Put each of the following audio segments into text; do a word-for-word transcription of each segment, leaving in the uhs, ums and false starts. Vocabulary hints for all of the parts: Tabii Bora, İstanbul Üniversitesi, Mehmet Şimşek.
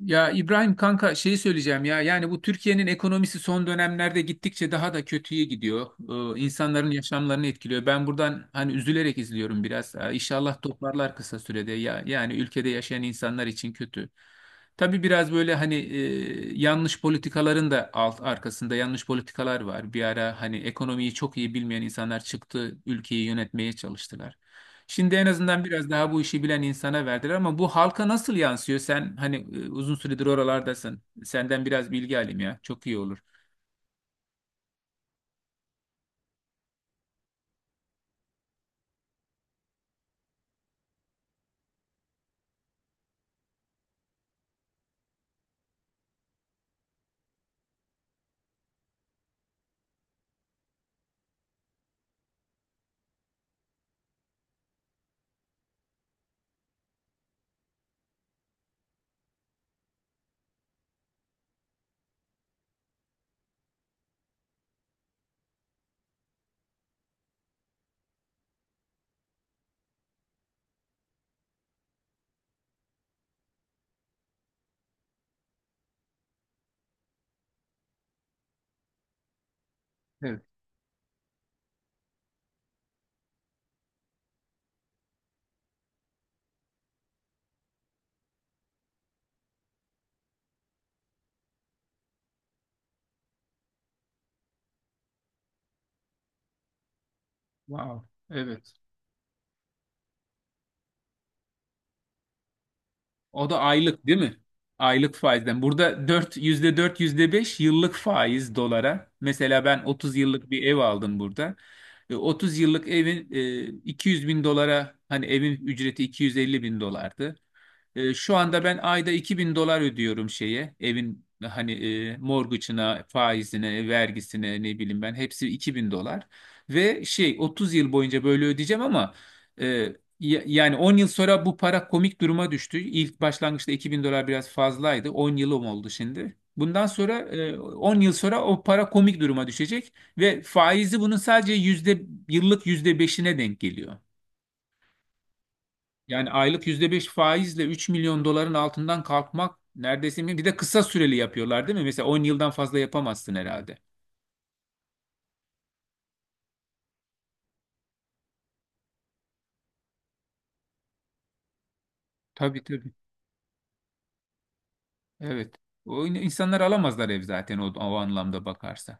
Ya İbrahim kanka şeyi söyleyeceğim ya yani bu Türkiye'nin ekonomisi son dönemlerde gittikçe daha da kötüye gidiyor. Ee, insanların yaşamlarını etkiliyor. Ben buradan hani üzülerek izliyorum biraz. Ee, İnşallah toparlar kısa sürede ya yani ülkede yaşayan insanlar için kötü. Tabii biraz böyle hani e, yanlış politikaların da alt arkasında yanlış politikalar var. Bir ara hani ekonomiyi çok iyi bilmeyen insanlar çıktı ülkeyi yönetmeye çalıştılar. Şimdi en azından biraz daha bu işi bilen insana verdiler ama bu halka nasıl yansıyor? Sen hani e, uzun süredir oralardasın. Senden biraz bilgi alayım ya. Çok iyi olur. Evet. Wow. Evet. O da aylık değil mi? Aylık faizden. Burada dört, yüzde dört, yüzde beş yıllık faiz dolara. Mesela ben otuz yıllık bir ev aldım burada. E, otuz yıllık evin e, iki yüz bin dolara hani evin ücreti iki yüz elli bin dolardı. E, Şu anda ben ayda iki bin dolar ödüyorum şeye evin hani e, mortgage'ına, faizine, vergisine ne bileyim ben hepsi iki bin dolar. Ve şey otuz yıl boyunca böyle ödeyeceğim ama e, ya- yani on yıl sonra bu para komik duruma düştü. İlk başlangıçta iki bin dolar biraz fazlaydı. on yılım oldu şimdi. Bundan sonra e, on yıl sonra o para komik duruma düşecek ve faizi bunun sadece yüzde yıllık yüzde beşine denk geliyor. Yani aylık yüzde beş faizle üç milyon doların altından kalkmak neredeyse mümkün. Bir de kısa süreli yapıyorlar değil mi? Mesela on yıldan fazla yapamazsın herhalde. Tabii tabii. Evet. O in- insanlar alamazlar ev zaten o, o anlamda bakarsa.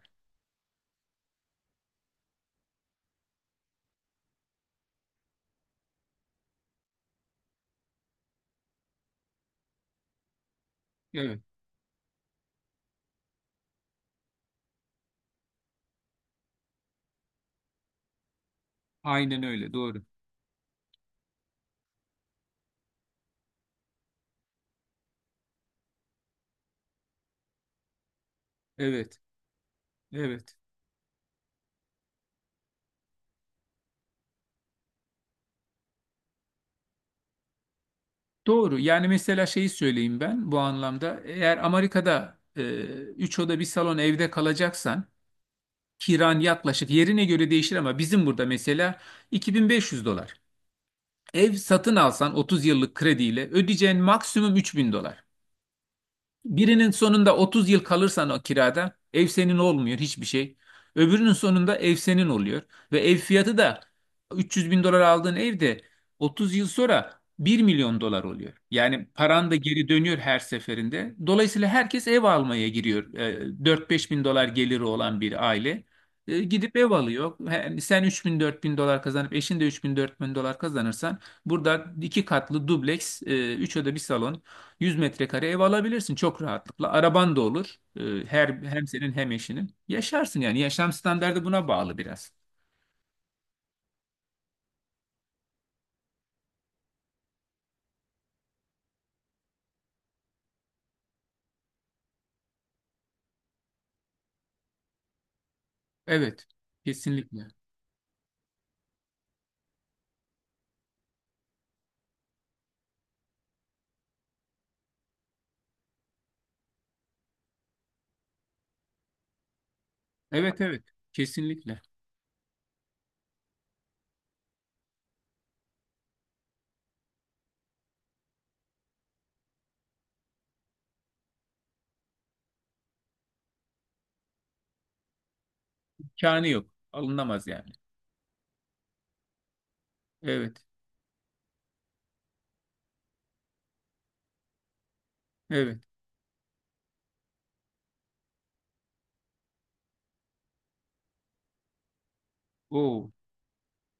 Evet. Aynen öyle. Doğru. Evet. Evet. Doğru. Yani mesela şeyi söyleyeyim ben bu anlamda. Eğer Amerika'da üç oda bir salon evde kalacaksan kiran yaklaşık yerine göre değişir ama bizim burada mesela iki bin beş yüz dolar. Ev satın alsan otuz yıllık krediyle ödeyeceğin maksimum üç bin dolar. Birinin sonunda otuz yıl kalırsan o kirada ev senin olmuyor hiçbir şey. Öbürünün sonunda ev senin oluyor. Ve ev fiyatı da üç yüz bin dolar aldığın evde otuz yıl sonra bir milyon dolar oluyor. Yani paran da geri dönüyor her seferinde. Dolayısıyla herkes ev almaya giriyor. Ee, dört beş bin dolar geliri olan bir aile. e, Gidip ev alıyor. Yani sen üç bin dört bin dolar kazanıp eşin de üç bin dört bin dolar kazanırsan burada iki katlı dubleks, e, üç oda bir salon yüz metrekare ev alabilirsin çok rahatlıkla. Araban da olur. Ee, Her hem senin hem eşinin. Yaşarsın yani. Yaşam standardı buna bağlı biraz. Evet. Kesinlikle. Evet evet. Kesinlikle. İmkanı yok. Alınamaz yani. Evet. Evet. Oo.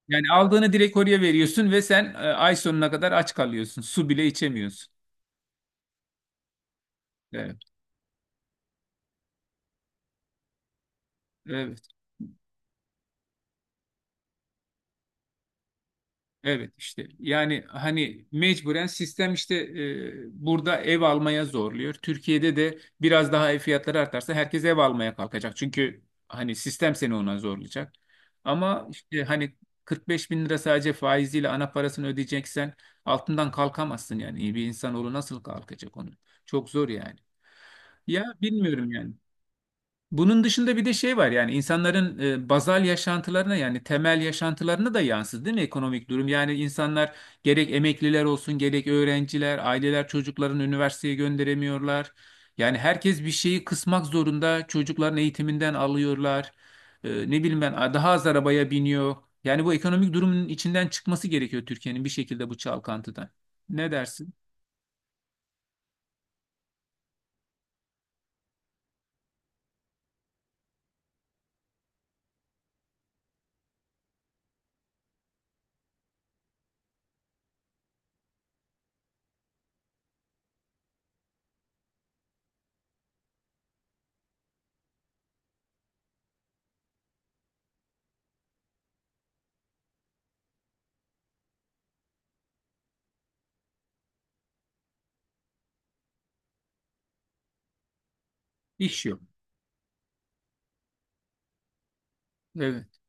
Yani aldığını direkt oraya veriyorsun ve sen e, ay sonuna kadar aç kalıyorsun. Su bile içemiyorsun. Evet. Evet. Evet işte yani hani mecburen sistem işte e, burada ev almaya zorluyor. Türkiye'de de biraz daha ev fiyatları artarsa herkes ev almaya kalkacak. Çünkü hani sistem seni ona zorlayacak. Ama işte hani kırk beş bin lira sadece faiziyle ana parasını ödeyeceksen altından kalkamazsın yani. İyi bir insanoğlu nasıl kalkacak onu? Çok zor yani. Ya bilmiyorum yani. Bunun dışında bir de şey var yani insanların e, bazal yaşantılarına yani temel yaşantılarına da yansıdı değil mi ekonomik durum? Yani insanlar gerek emekliler olsun gerek öğrenciler, aileler çocuklarını üniversiteye gönderemiyorlar. Yani herkes bir şeyi kısmak zorunda çocukların eğitiminden alıyorlar. E, ne bileyim ben a- daha az arabaya biniyor. Yani bu ekonomik durumun içinden çıkması gerekiyor Türkiye'nin bir şekilde bu çalkantıdan. Ne dersin? İş yok. Evet,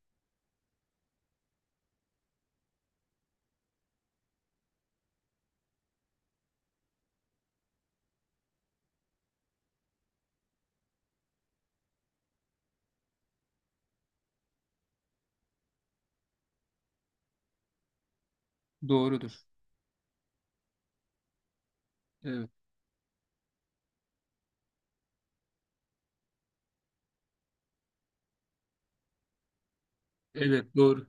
doğrudur. Evet, evet doğru.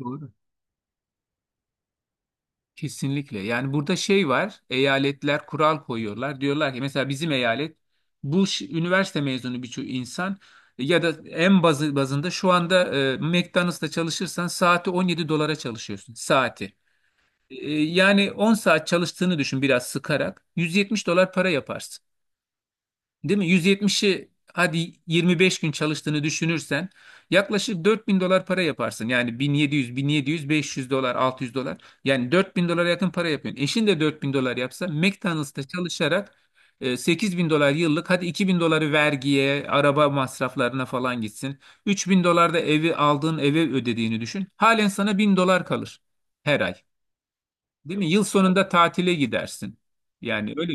Doğru. Kesinlikle. Yani burada şey var, eyaletler kural koyuyorlar. Diyorlar ki mesela bizim eyalet bu ş- üniversite mezunu birçok insan ya da en bazı bazında şu anda e, McDonald's'ta çalışırsan saati on yedi dolara çalışıyorsun saati. E, yani on saat çalıştığını düşün biraz sıkarak yüz yetmiş dolar para yaparsın. Değil mi? yüz yetmişi hadi yirmi beş gün çalıştığını düşünürsen yaklaşık dört bin dolar para yaparsın. Yani bin yedi yüz, bin yedi yüz, beş yüz dolar, altı yüz dolar. Yani dört bin dolara yakın para yapıyorsun. Eşin de dört bin dolar yapsa McDonald's'ta çalışarak e, sekiz bin dolar yıllık hadi iki bin doları vergiye, araba masraflarına falan gitsin. Üç bin dolar da evi aldığın eve ödediğini düşün. Halen sana bin dolar kalır her ay. Değil mi? Yıl sonunda tatile gidersin. Yani öyle.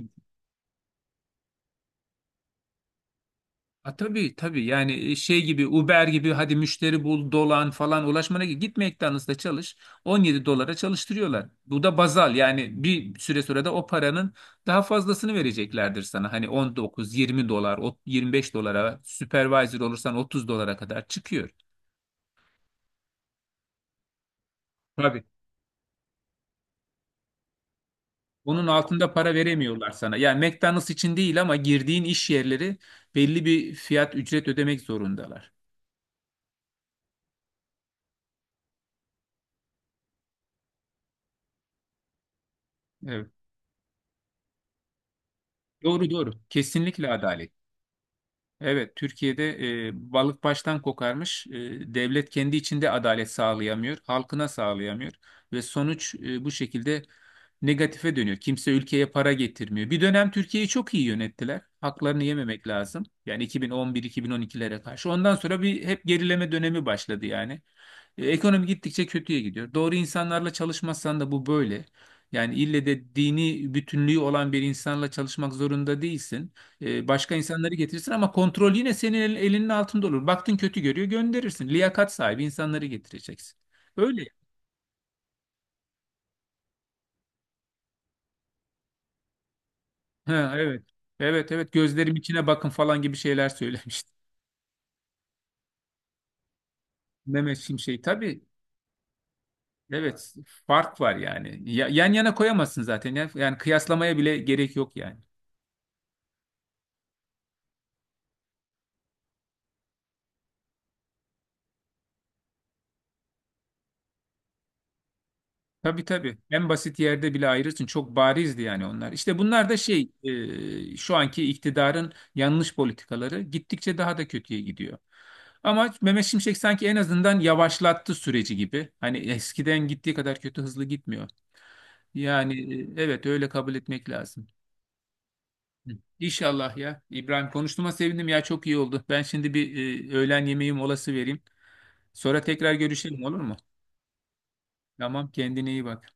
Ha, tabii tabii yani e, şey gibi Uber gibi hadi müşteri bul dolan falan ulaşmana gerek- git McDonald's'ta çalış on yedi dolara çalıştırıyorlar. Bu da bazal yani bir süre sonra da o paranın daha fazlasını vereceklerdir sana. Hani on dokuz yirmi dolar o- yirmi beş dolara supervisor olursan otuz dolara kadar çıkıyor. Tabii. Bunun altında para veremiyorlar sana. Yani McDonald's için değil ama girdiğin iş yerleri belli bir fiyat ücret ödemek zorundalar. Evet. Doğru doğru. Kesinlikle adalet. Evet, Türkiye'de e, balık baştan kokarmış. E, devlet kendi içinde adalet sağlayamıyor, halkına sağlayamıyor ve sonuç e, bu şekilde negatife dönüyor. Kimse ülkeye para getirmiyor. Bir dönem Türkiye'yi çok iyi yönettiler. Haklarını yememek lazım. Yani iki bin on bir iki bin on ikilere karşı. Ondan sonra bir hep gerileme dönemi başladı yani. E, Ekonomi gittikçe kötüye gidiyor. Doğru insanlarla çalışmazsan da bu böyle. Yani ille de dini bütünlüğü olan bir insanla çalışmak zorunda değilsin. E, başka insanları getirirsin ama kontrol yine senin el- elinin altında olur. Baktın kötü görüyor gönderirsin. Liyakat sahibi insanları getireceksin. Öyle. Ha, evet. Evet evet, gözlerim içine bakın falan gibi şeyler söylemişti. Mehmet Şimşek tabii. Evet, fark var yani. Ya- yan yana koyamazsın zaten. Yani, yani kıyaslamaya bile gerek yok yani. Tabii tabii. En basit yerde bile ayrılsın. Çok barizdi yani onlar. İşte bunlar da şey, e, şu anki iktidarın yanlış politikaları gittikçe daha da kötüye gidiyor. Ama Mehmet Şimşek sanki en azından yavaşlattı süreci gibi. Hani eskiden gittiği kadar kötü hızlı gitmiyor. Yani e, evet öyle kabul etmek lazım. Hı. İnşallah ya. İbrahim, konuştuğuma sevindim ya, çok iyi oldu. Ben şimdi bir e, öğlen yemeği molası vereyim. Sonra tekrar görüşelim, olur mu? Tamam, kendine iyi bak.